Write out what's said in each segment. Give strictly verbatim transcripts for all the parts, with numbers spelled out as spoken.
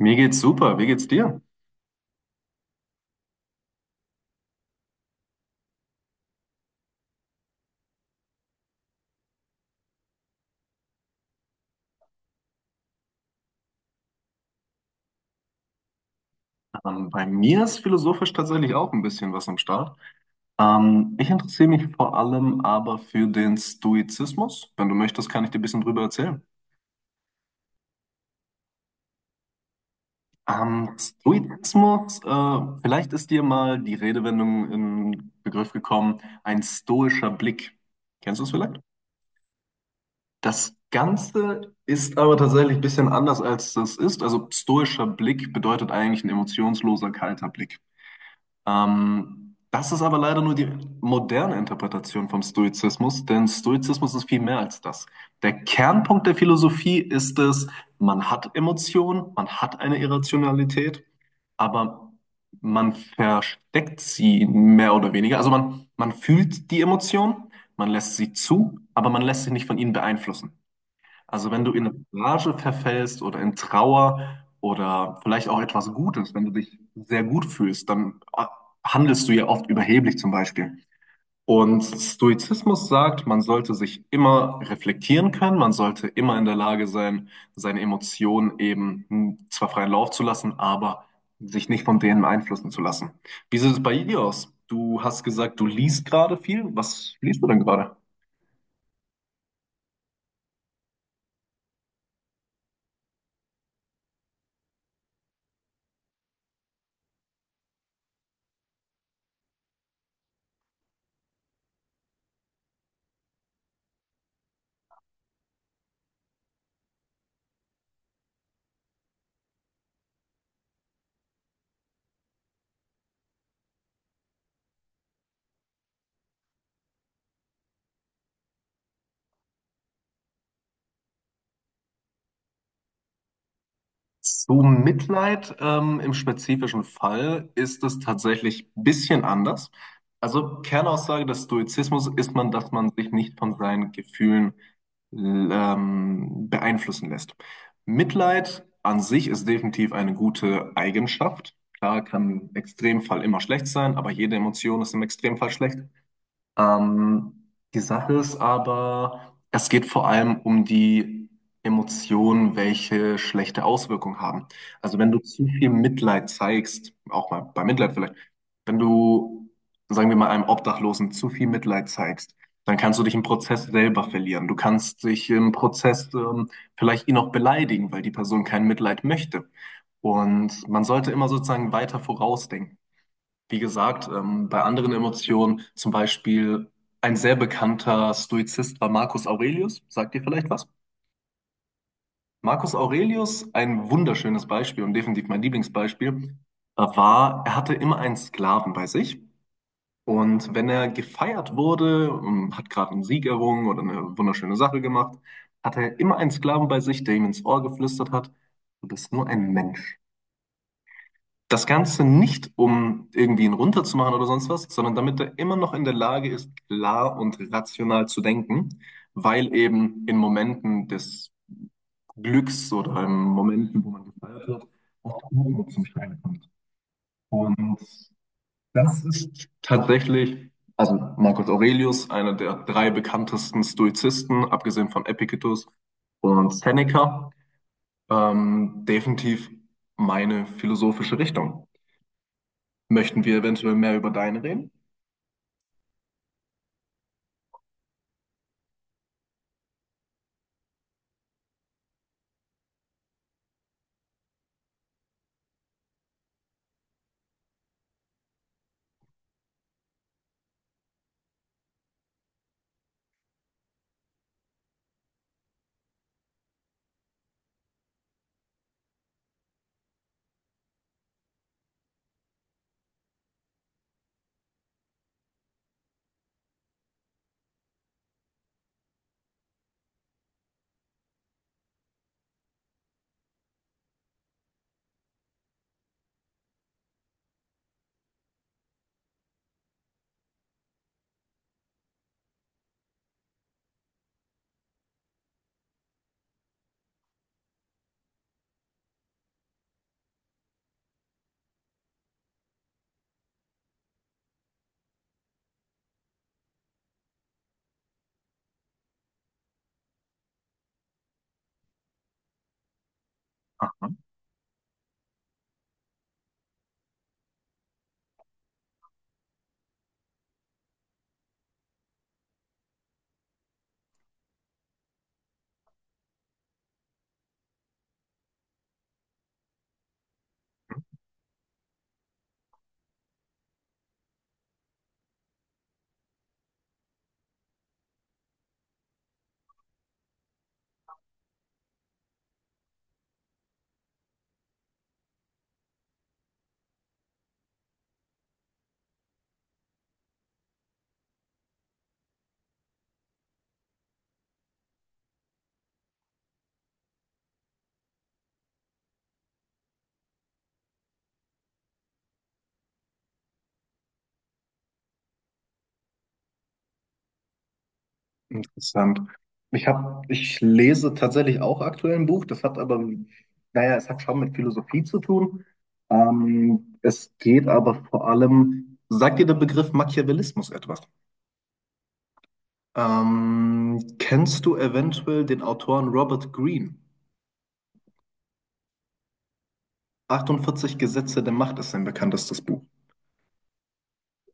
Mir geht's super. Wie geht's dir? Ähm, bei mir ist philosophisch tatsächlich auch ein bisschen was am Start. Ähm, ich interessiere mich vor allem aber für den Stoizismus. Wenn du möchtest, kann ich dir ein bisschen drüber erzählen. Ähm, Stoizismus, äh, vielleicht ist dir mal die Redewendung in Begriff gekommen, ein stoischer Blick. Kennst du es vielleicht? Das Ganze ist aber tatsächlich ein bisschen anders, als das ist. Also stoischer Blick bedeutet eigentlich ein emotionsloser, kalter Blick. Ähm, das ist aber leider nur die moderne Interpretation vom Stoizismus, denn Stoizismus ist viel mehr als das. Der Kernpunkt der Philosophie ist es, man hat Emotionen, man hat eine Irrationalität, aber man versteckt sie mehr oder weniger. Also man, man fühlt die Emotionen, man lässt sie zu, aber man lässt sich nicht von ihnen beeinflussen. Also wenn du in eine Rage verfällst oder in Trauer oder vielleicht auch etwas Gutes, wenn du dich sehr gut fühlst, dann äh, handelst du ja oft überheblich zum Beispiel. Und Stoizismus sagt, man sollte sich immer reflektieren können, man sollte immer in der Lage sein, seine Emotionen eben hm, zwar freien Lauf zu lassen, aber sich nicht von denen beeinflussen zu lassen. Wie sieht es bei dir aus? Du hast gesagt, du liest gerade viel. Was liest du denn gerade? Zu Mitleid ähm, im spezifischen Fall ist es tatsächlich ein bisschen anders. Also Kernaussage des Stoizismus ist man, dass man sich nicht von seinen Gefühlen ähm, beeinflussen lässt. Mitleid an sich ist definitiv eine gute Eigenschaft. Klar, kann im Extremfall immer schlecht sein, aber jede Emotion ist im Extremfall schlecht. Ähm, Die Sache ist aber, es geht vor allem um die Emotionen, welche schlechte Auswirkungen haben. Also wenn du zu viel Mitleid zeigst, auch mal bei Mitleid vielleicht, wenn du, sagen wir mal, einem Obdachlosen zu viel Mitleid zeigst, dann kannst du dich im Prozess selber verlieren. Du kannst dich im Prozess ähm, vielleicht ihn auch beleidigen, weil die Person kein Mitleid möchte. Und man sollte immer sozusagen weiter vorausdenken. Wie gesagt, ähm, bei anderen Emotionen, zum Beispiel ein sehr bekannter Stoizist war Marcus Aurelius. Sagt dir vielleicht was? Marcus Aurelius, ein wunderschönes Beispiel und definitiv mein Lieblingsbeispiel, äh, war, er hatte immer einen Sklaven bei sich. Und wenn er gefeiert wurde, ähm, hat gerade einen Sieg errungen oder eine wunderschöne Sache gemacht, hatte er immer einen Sklaven bei sich, der ihm ins Ohr geflüstert hat, du bist nur ein Mensch. Das Ganze nicht, um irgendwie ihn runterzumachen oder sonst was, sondern damit er immer noch in der Lage ist, klar und rational zu denken, weil eben in Momenten des Glücks oder in Momenten, wo man gefeiert wird, auch der Humor zum Schein kommt. Und das ist tatsächlich, also Marcus Aurelius, einer der drei bekanntesten Stoizisten, abgesehen von Epictetus und Seneca, ähm, definitiv meine philosophische Richtung. Möchten wir eventuell mehr über deine reden? Aha. Interessant. Ich hab, ich lese tatsächlich auch aktuell ein Buch, das hat aber, naja, es hat schon mit Philosophie zu tun. Ähm, es geht aber vor allem, sagt dir der Begriff Machiavellismus etwas? Ähm, kennst du eventuell den Autoren Robert Greene? achtundvierzig Gesetze der Macht ist sein bekanntestes Buch.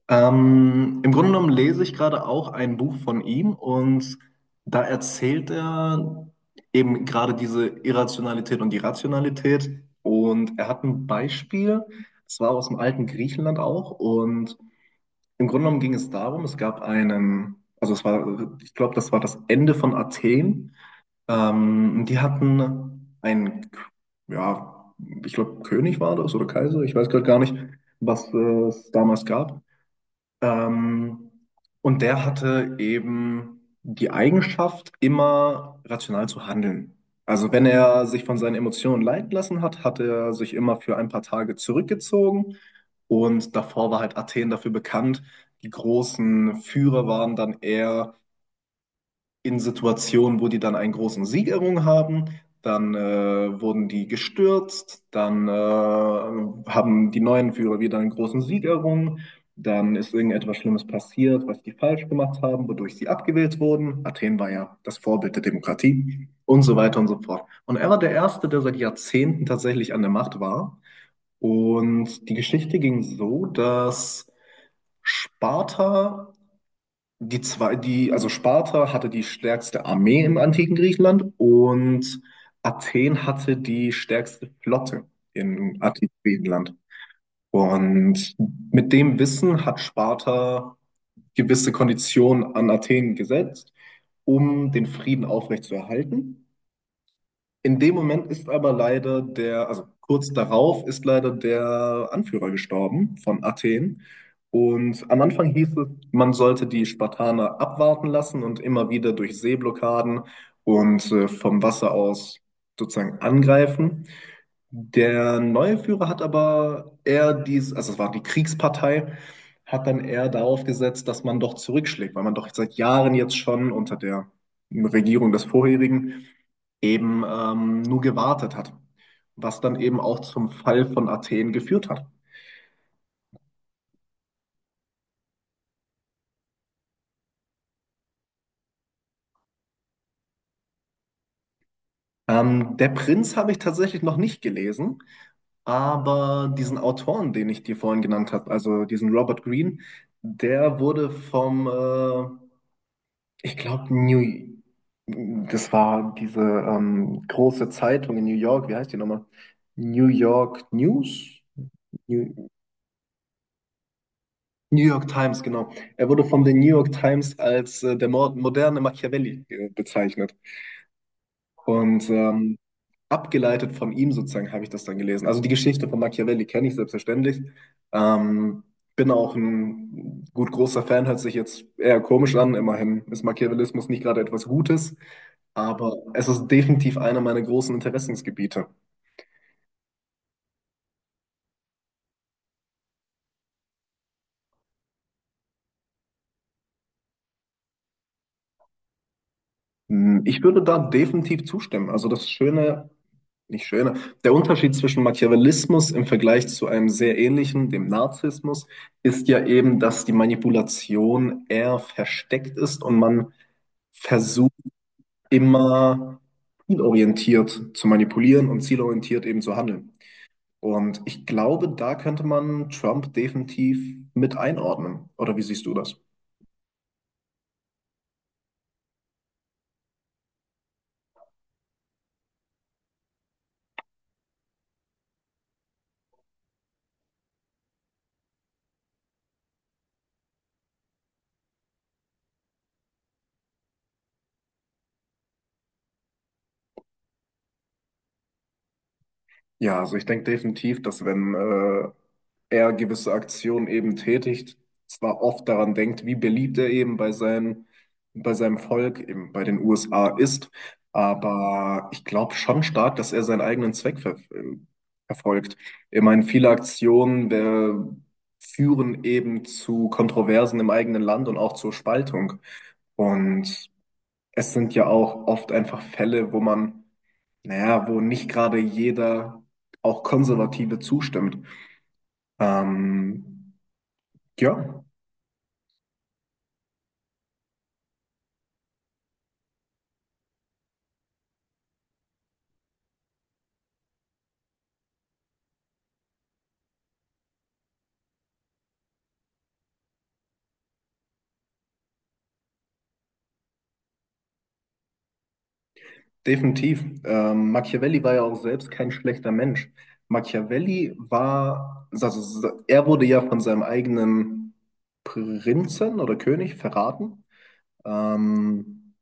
Ähm, im Grunde genommen lese ich gerade auch ein Buch von ihm und da erzählt er eben gerade diese Irrationalität und die Rationalität und er hat ein Beispiel, es war aus dem alten Griechenland auch und im Grunde genommen ging es darum, es gab einen, also es war, ich glaube, das war das Ende von Athen, ähm, die hatten einen, ja, ich glaube, König war das oder Kaiser, ich weiß gerade gar nicht, was äh, es damals gab. Ähm, und der hatte eben die Eigenschaft, immer rational zu handeln. Also wenn er sich von seinen Emotionen leiten lassen hat, hat er sich immer für ein paar Tage zurückgezogen. Und davor war halt Athen dafür bekannt. Die großen Führer waren dann eher in Situationen, wo die dann einen großen Sieg errungen haben. Dann äh, wurden die gestürzt, dann äh, haben die neuen Führer wieder einen großen Sieg errungen, dann ist irgendetwas Schlimmes passiert, was die falsch gemacht haben, wodurch sie abgewählt wurden. Athen war ja das Vorbild der Demokratie und so weiter und so fort. Und er war der Erste, der seit Jahrzehnten tatsächlich an der Macht war. Und die Geschichte ging so, dass Sparta die zwei, die, also Sparta hatte die stärkste Armee im antiken Griechenland und Athen hatte die stärkste Flotte im antiken Griechenland. Und mit dem Wissen hat Sparta gewisse Konditionen an Athen gesetzt, um den Frieden aufrechtzuerhalten. In dem Moment ist aber leider der, also kurz darauf ist leider der Anführer gestorben von Athen. Und am Anfang hieß es, man sollte die Spartaner abwarten lassen und immer wieder durch Seeblockaden und äh, vom Wasser aus sozusagen angreifen. Der neue Führer hat aber eher dies, also es war die Kriegspartei, hat dann eher darauf gesetzt, dass man doch zurückschlägt, weil man doch seit Jahren jetzt schon unter der Regierung des vorherigen eben ähm, nur gewartet hat, was dann eben auch zum Fall von Athen geführt hat. Ähm, der Prinz habe ich tatsächlich noch nicht gelesen, aber diesen Autoren, den ich dir vorhin genannt habe, also diesen Robert Greene, der wurde vom, äh, ich glaube, New, das war diese ähm, große Zeitung in New York, wie heißt die nochmal? New York News? New, New York Times, genau. Er wurde von den New York Times als äh, der mo- moderne Machiavelli äh, bezeichnet. Und ähm, abgeleitet von ihm sozusagen habe ich das dann gelesen. Also die Geschichte von Machiavelli kenne ich selbstverständlich. Ähm, Bin auch ein gut großer Fan, hört sich jetzt eher komisch an. Immerhin ist Machiavellismus nicht gerade etwas Gutes, aber es ist definitiv einer meiner großen Interessensgebiete. Hm, ich würde da definitiv zustimmen. Also das Schöne, nicht Schöne, der Unterschied zwischen Machiavellismus im Vergleich zu einem sehr ähnlichen, dem Narzissmus, ist ja eben, dass die Manipulation eher versteckt ist und man versucht immer zielorientiert zu manipulieren und zielorientiert eben zu handeln. Und ich glaube, da könnte man Trump definitiv mit einordnen. Oder wie siehst du das? Ja, also ich denke definitiv, dass wenn äh, er gewisse Aktionen eben tätigt, zwar oft daran denkt, wie beliebt er eben bei seinen, bei seinem Volk, eben bei den U S A ist, aber ich glaube schon stark, dass er seinen eigenen Zweck ver äh, verfolgt. Ich meine, viele Aktionen äh, führen eben zu Kontroversen im eigenen Land und auch zur Spaltung. Und es sind ja auch oft einfach Fälle, wo man, naja, wo nicht gerade jeder, auch Konservative, zustimmt. Ähm, ja, definitiv. Ähm, Machiavelli war ja auch selbst kein schlechter Mensch. Machiavelli war, also er wurde ja von seinem eigenen Prinzen oder König verraten. Ähm,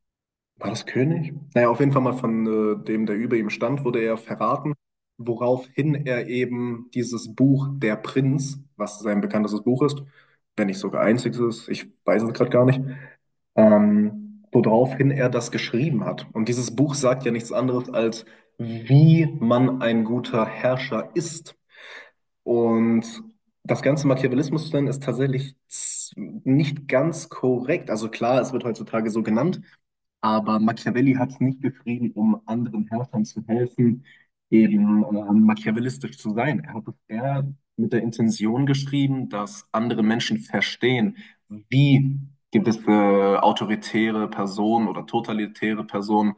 War das König? Naja, auf jeden Fall mal von äh, dem, der über ihm stand, wurde er verraten, woraufhin er eben dieses Buch Der Prinz, was sein bekanntestes Buch ist, wenn nicht sogar einziges, ich weiß es gerade gar nicht, ähm, woraufhin er das geschrieben hat. Und dieses Buch sagt ja nichts anderes als, wie man ein guter Herrscher ist. Und das ganze Machiavellismus-Stand ist tatsächlich z- nicht ganz korrekt. Also klar, es wird heutzutage so genannt. Aber Machiavelli hat es nicht geschrieben, um anderen Herrschern zu helfen, eben ähm, machiavellistisch zu sein. Er hat es eher mit der Intention geschrieben, dass andere Menschen verstehen, wie gewisse autoritäre Personen oder totalitäre Personen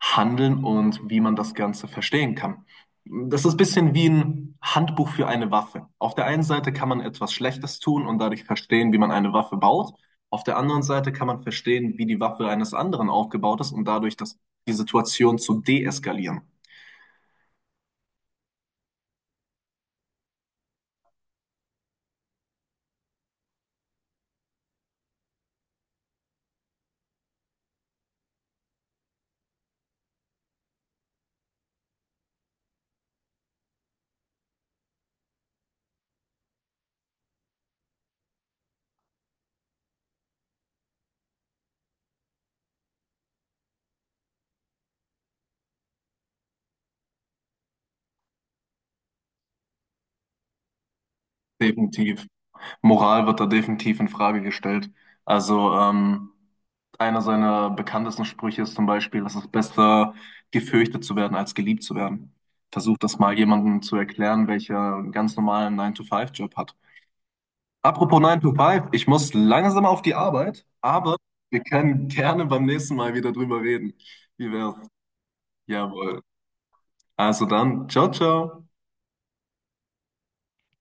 handeln und wie man das Ganze verstehen kann. Das ist ein bisschen wie ein Handbuch für eine Waffe. Auf der einen Seite kann man etwas Schlechtes tun und dadurch verstehen, wie man eine Waffe baut. Auf der anderen Seite kann man verstehen, wie die Waffe eines anderen aufgebaut ist und dadurch das, die Situation zu deeskalieren. Definitiv. Moral wird da definitiv in Frage gestellt. Also, ähm, einer seiner bekanntesten Sprüche ist zum Beispiel, dass es besser gefürchtet zu werden, als geliebt zu werden. Versucht das mal jemandem zu erklären, welcher einen ganz normalen nine to five job hat. Apropos nine to five, ich muss langsam auf die Arbeit, aber wir können gerne beim nächsten Mal wieder drüber reden. Wie wär's? Jawohl. Also dann, ciao, ciao.